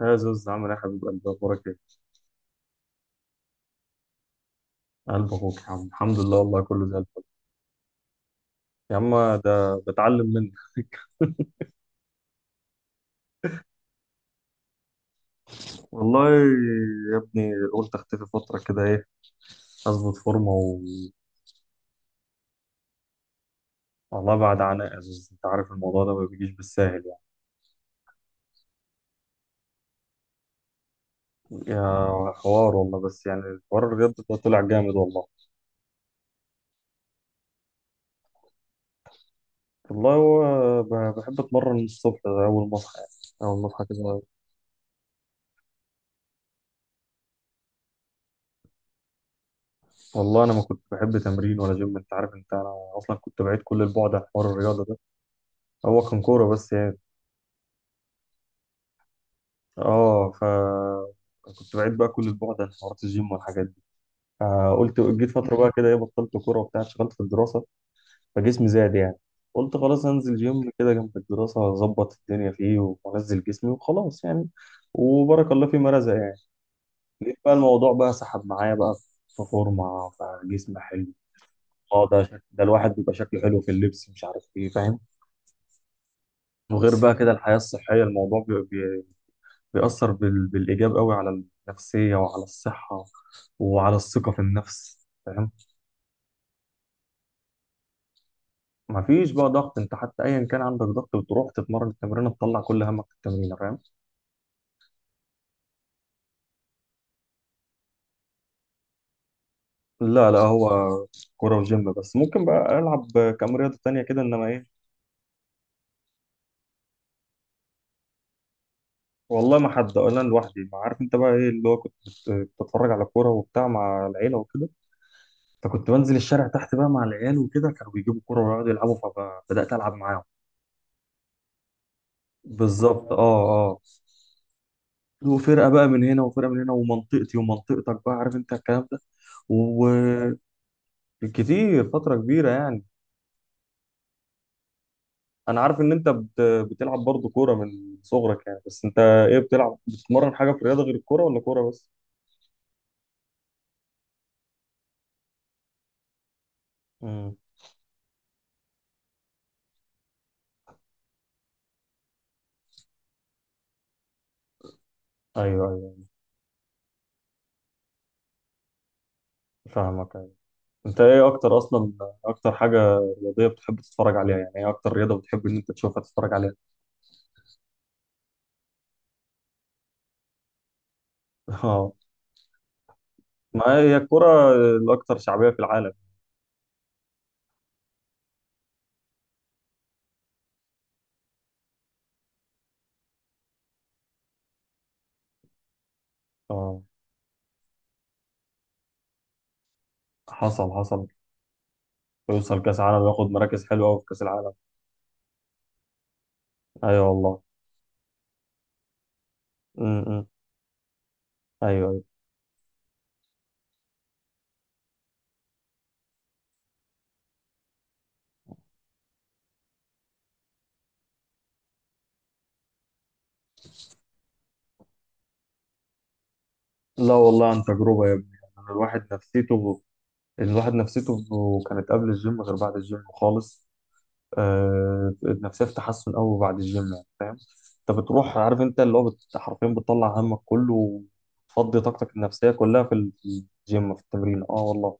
يا زوز عامل ايه يا حبيب قلبي اخبارك ايه؟ قلب اخوك يا عم الحمد لله والله كله زي الفل. يا عم ده بتعلم منك. والله يا ابني قلت اختفي فتره كده ايه اظبط فورمه و... والله بعد عناء يا زوز، انت عارف الموضوع ده ما بيجيش بالساهل يعني. يا حوار والله بس يعني حوار الرياضه ده طلع جامد والله. والله هو بحب اتمرن الصبح ده اول ما اصحى يعني. اول ما اصحى كده. والله انا ما كنت بحب تمرين ولا جيم، انت عارف انت انا اصلا كنت بعيد كل البعد عن حوار الرياضه ده. هو كان كوره بس يعني. اه ف كنت بعيد بقى كل اسبوع ده عن حوارات الجيم والحاجات دي. فقلت جيت فتره بقى كده ايه، بطلت كوره وبتاع، اشتغلت في الدراسه. فجسمي زاد يعني. قلت خلاص انزل جيم كده جنب الدراسه اظبط الدنيا فيه وانزل جسمي وخلاص يعني. وبارك الله فيما رزق يعني. لقيت بقى الموضوع بقى سحب معايا بقى، في فورمه فجسم حلو. اه ده الواحد بيبقى شكله حلو في اللبس، مش عارف ايه، فاهم. وغير بقى كده الحياه الصحيه، الموضوع بيأثر بالإيجاب قوي على النفسية وعلى الصحة وعلى الثقة في النفس، فاهم. مفيش بقى ضغط، انت حتى ايا كان عندك ضغط بتروح تتمرن، التمرين تطلع كل همك في التمرين، فاهم. لا لا، هو كورة وجيم بس، ممكن بقى العب كام رياضة تانية كده انما ايه. والله ما حد، ولا انا لوحدي، ما عارف انت بقى ايه اللي هو كنت بتتفرج على كورة وبتاع مع العيلة وكده. فكنت بنزل الشارع تحت بقى مع العيال وكده، كانوا بيجيبوا كورة ويقعدوا يلعبوا. فبدأت ألعب معاهم. بالظبط، اه اه. وفرقه بقى من هنا وفرقه من هنا، ومنطقتي ومنطقتك بقى، عارف انت الكلام ده. وكتير. فتره كبيره يعني. انا عارف ان انت بت... بتلعب برضه كوره من صغرك يعني، بس انت ايه بتلعب، بتتمرن حاجه في الرياضه غير الكوره ولا كوره بس؟ امم، ايوه ايوه، فاهمك، ايوه. انت ايه اكتر اصلا، اكتر حاجه رياضيه بتحب تتفرج عليها؟ يعني ايه اكتر رياضه بتحب ان انت تشوفها تتفرج عليها؟ اه، ما هي الكوره الاكثر شعبيه في العالم. اه، حصل حصل. ويوصل كاس عالم وياخد مراكز حلوه قوي في كاس العالم. ايوه والله. امم، ايوه ايوه. لا والله عن تجربه يا ابني. يعني الواحد نفسيته، الواحد نفسيته كانت قبل الجيم غير بعد الجيم خالص. آه، النفسيه في تحسن قوي بعد الجيم يعني، فاهم. انت بتروح، عارف انت اللي هو حرفيا بتطلع همك كله، وتفضي طاقتك النفسيه كلها في في الجيم، في التمرين. اه والله.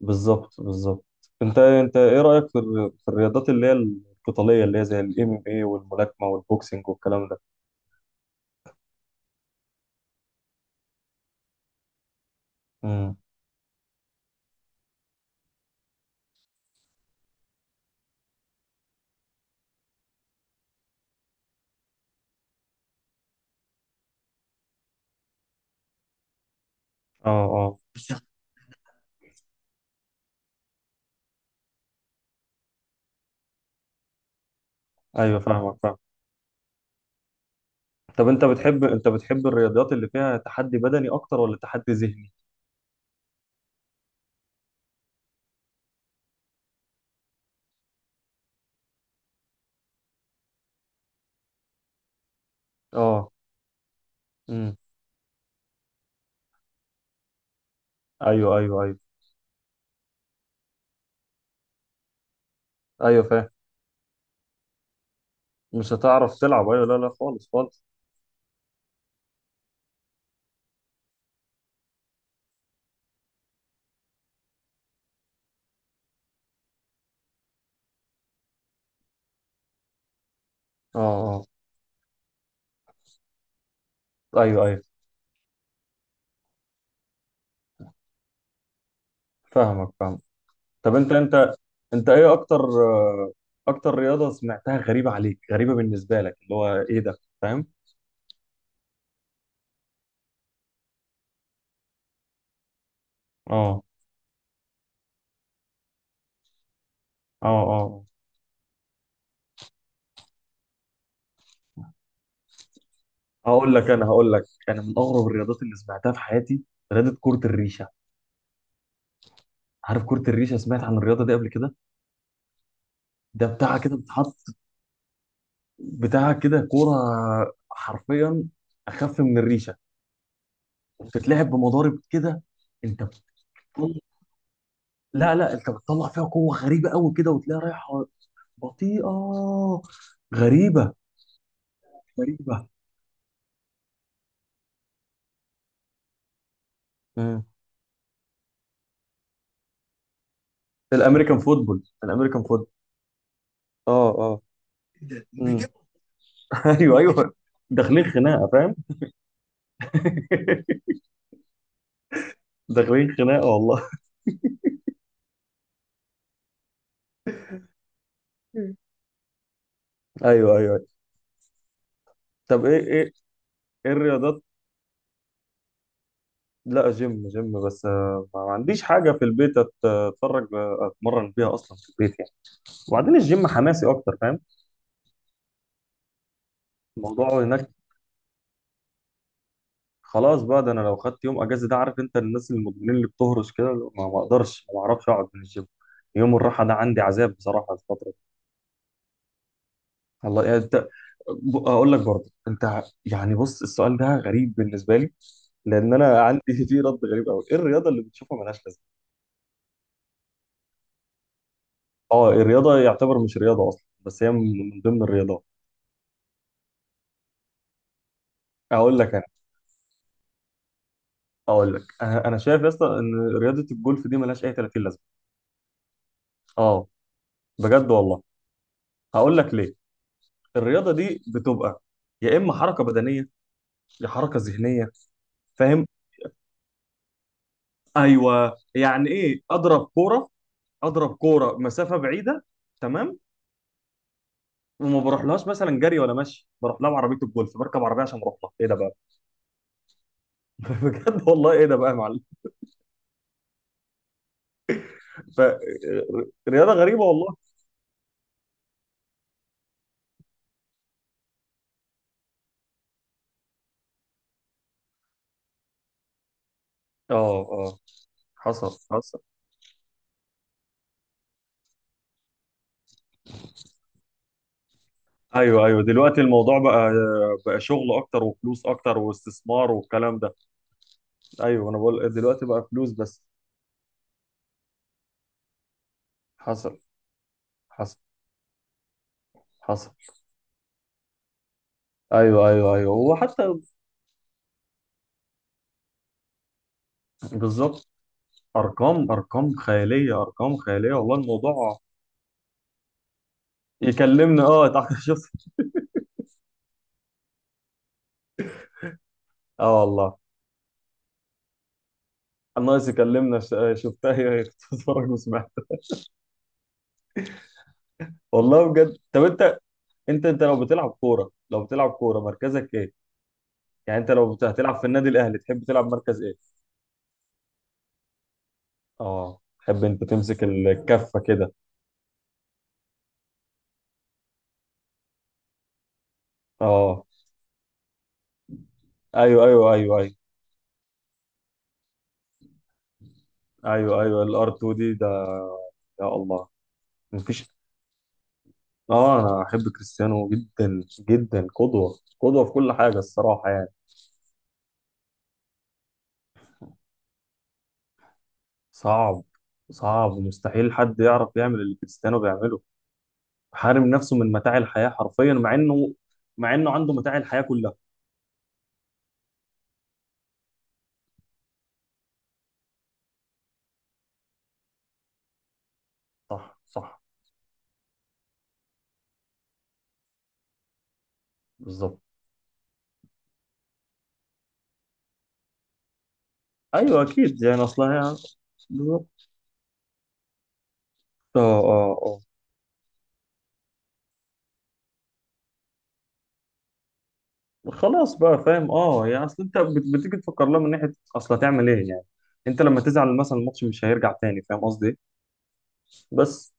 بالظبط بالظبط. انت، انت ايه رايك في في الرياضات اللي هي القتاليه، اللي هي زي الام ام اي والملاكمه والبوكسنج والكلام ده؟ امم، اه اه، ايوه، فاهمك فاهمك. طب انت بتحب، انت بتحب الرياضيات اللي فيها تحدي بدني اكتر ولا تحدي ذهني؟ اه، امم، ايوه ايوه ايوه ايوه، فاهم، مش هتعرف تلعب، ايوه، لا لا خالص خالص. اه اه، ايوه ايوه، فاهمك فاهم. طب انت، انت، انت ايه اكتر آه، اكتر رياضة سمعتها غريبة عليك، غريبة بالنسبة لك، اللي هو ايه ده، فاهم؟ اه اه اه. هقول لك انا، هقول لك انا، من اغرب الرياضات اللي سمعتها في حياتي رياضة كرة الريشة. عارف كرة الريشة؟ سمعت عن الرياضة دي قبل كده؟ ده بتاعها كده بتتحط، بتاع كده كوره حرفيا اخف من الريشه، بتتلعب بمضارب كده. انت بتطلع، لا لا، انت بتطلع فيها قوه غريبه قوي كده وتلاقيها رايحه بطيئه، غريبه، غريبه. مم. الامريكان فوتبول، الامريكان فوتبول. اه اه، مم. ايوه ايوه. داخلين خناقه فاهم. داخلين خناقه والله. ايوه ايوه أيوة. طب ايه ايه، ايه الرياضات. لا جيم جيم بس، آه، ما ما عنديش حاجه في البيت اتفرج آه، اتمرن بيها اصلا في البيت. وبعدين الجيم حماسي اكتر، فاهم. الموضوع هناك. خلاص بقى، ده انا لو خدت يوم اجازه ده، عارف انت الناس المدمنين اللي بتهرش كده، اللي هو ما ما اقدرش، ما بعرفش اقعد من الجيم. يوم الراحه ده عندي عذاب بصراحه الفتره دي. الله يعني، انت اقول لك برضه، انت يعني بص السؤال ده غريب بالنسبه لي، لان انا عندي فيه رد غريب قوي. ايه الرياضه اللي بتشوفها ملهاش لازمه؟ اه، الرياضه يعتبر مش رياضه اصلا، بس هي من من ضمن الرياضات. اقول لك انا، اقول لك انا، أنا شايف يا اسطى ان رياضه الجولف دي ملهاش اي 30 لازمه. اه، بجد والله. هقول لك ليه. الرياضه دي بتبقى يا اما حركه بدنيه يا حركه ذهنيه، فاهم. ايوه، يعني ايه اضرب كوره، اضرب كوره مسافه بعيده، تمام، وما بروحلهاش مثلا جري ولا مشي، بروح لها بعربيه الجولف، بركب عربيه عشان اروح لها، ايه ده بقى؟ بجد والله ايه ده بقى يا معلم. فرياضه غريبه والله. اه اه، حصل حصل. ايوه ايوه، دلوقتي الموضوع بقى، بقى شغل اكتر وفلوس اكتر واستثمار والكلام ده. ايوه، انا بقول دلوقتي بقى فلوس بس. حصل حصل حصل. ايوه ايوه ايوه، وحتى بالظبط. ارقام ارقام خياليه، ارقام خياليه والله الموضوع. يكلمنا اه، تعال شوف. اه والله. الناقص يكلمنا. شفتها هي تتفرج وسمعت. والله بجد. طب انت، انت، انت لو بتلعب كوره، لو بتلعب كوره مركزك ايه؟ يعني انت لو هتلعب في النادي الاهلي تحب تلعب مركز ايه؟ اه تحب انت تمسك الكفه كده. اه، ايوه ايوه ايوه ايوه ايوه ايوه. الار 2 دي ده. يا الله. مفيش. اه، انا احب كريستيانو جدا جدا، قدوه قدوه في كل حاجه الصراحه يعني. صعب، صعب، مستحيل حد يعرف يعمل اللي كريستيانو بيعمله. حارم نفسه من متاع الحياه حرفيا مع انه، مع انه عنده متاع الحياه كلها. صح صح. بالظبط. ايوه اكيد يعني، اصلا يعني. بالظبط. اه اه اه. خلاص بقى فاهم، اه، يعني اصل انت بتيجي تفكر لها من ناحيه، اصلا تعمل ايه يعني. انت لما تزعل مثلا، الماتش مش هيرجع تاني، فاهم قصدي إيه؟ بس.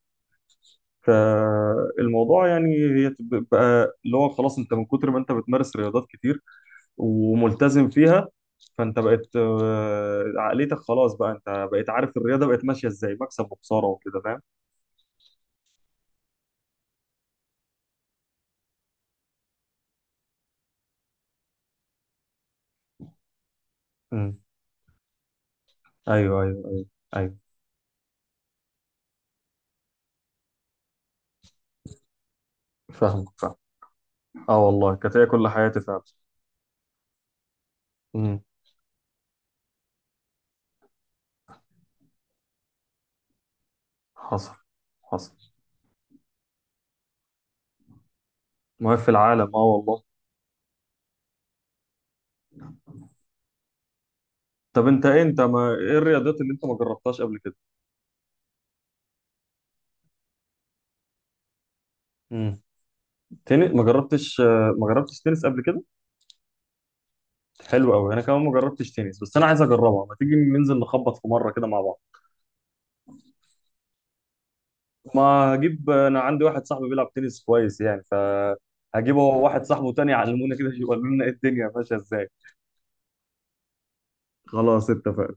فالموضوع يعني هي بقى اللي هو خلاص، انت من كتر ما انت بتمارس رياضات كتير وملتزم فيها، فانت بقت آه، عقليتك خلاص بقى، انت بقيت عارف الرياضه بقت ماشيه ازاي، مكسب وخساره وكده، فاهم. امم، ايوه ايوه ايوه ايوه، فاهمك فاهم. اه والله كانت هي كل حياتي فعلا. امم، حصل حصل. ما هي في العالم، اه والله. طب انت ايه، انت ما، ايه الرياضات اللي انت ما جربتهاش قبل كده؟ امم، تنس، ما جربتش آه، ما جربتش تنس قبل كده. حلو قوي، انا كمان ما جربتش تنس بس انا عايز اجربها، ما تيجي ننزل نخبط في مره كده مع بعض. ما هجيب، انا عندي واحد صاحبي بيلعب تنس كويس يعني فهجيبه، واحد صاحبه تاني يعلمونا كده، يقول لنا ايه الدنيا ماشيه ازاي. خلاص اتفقنا.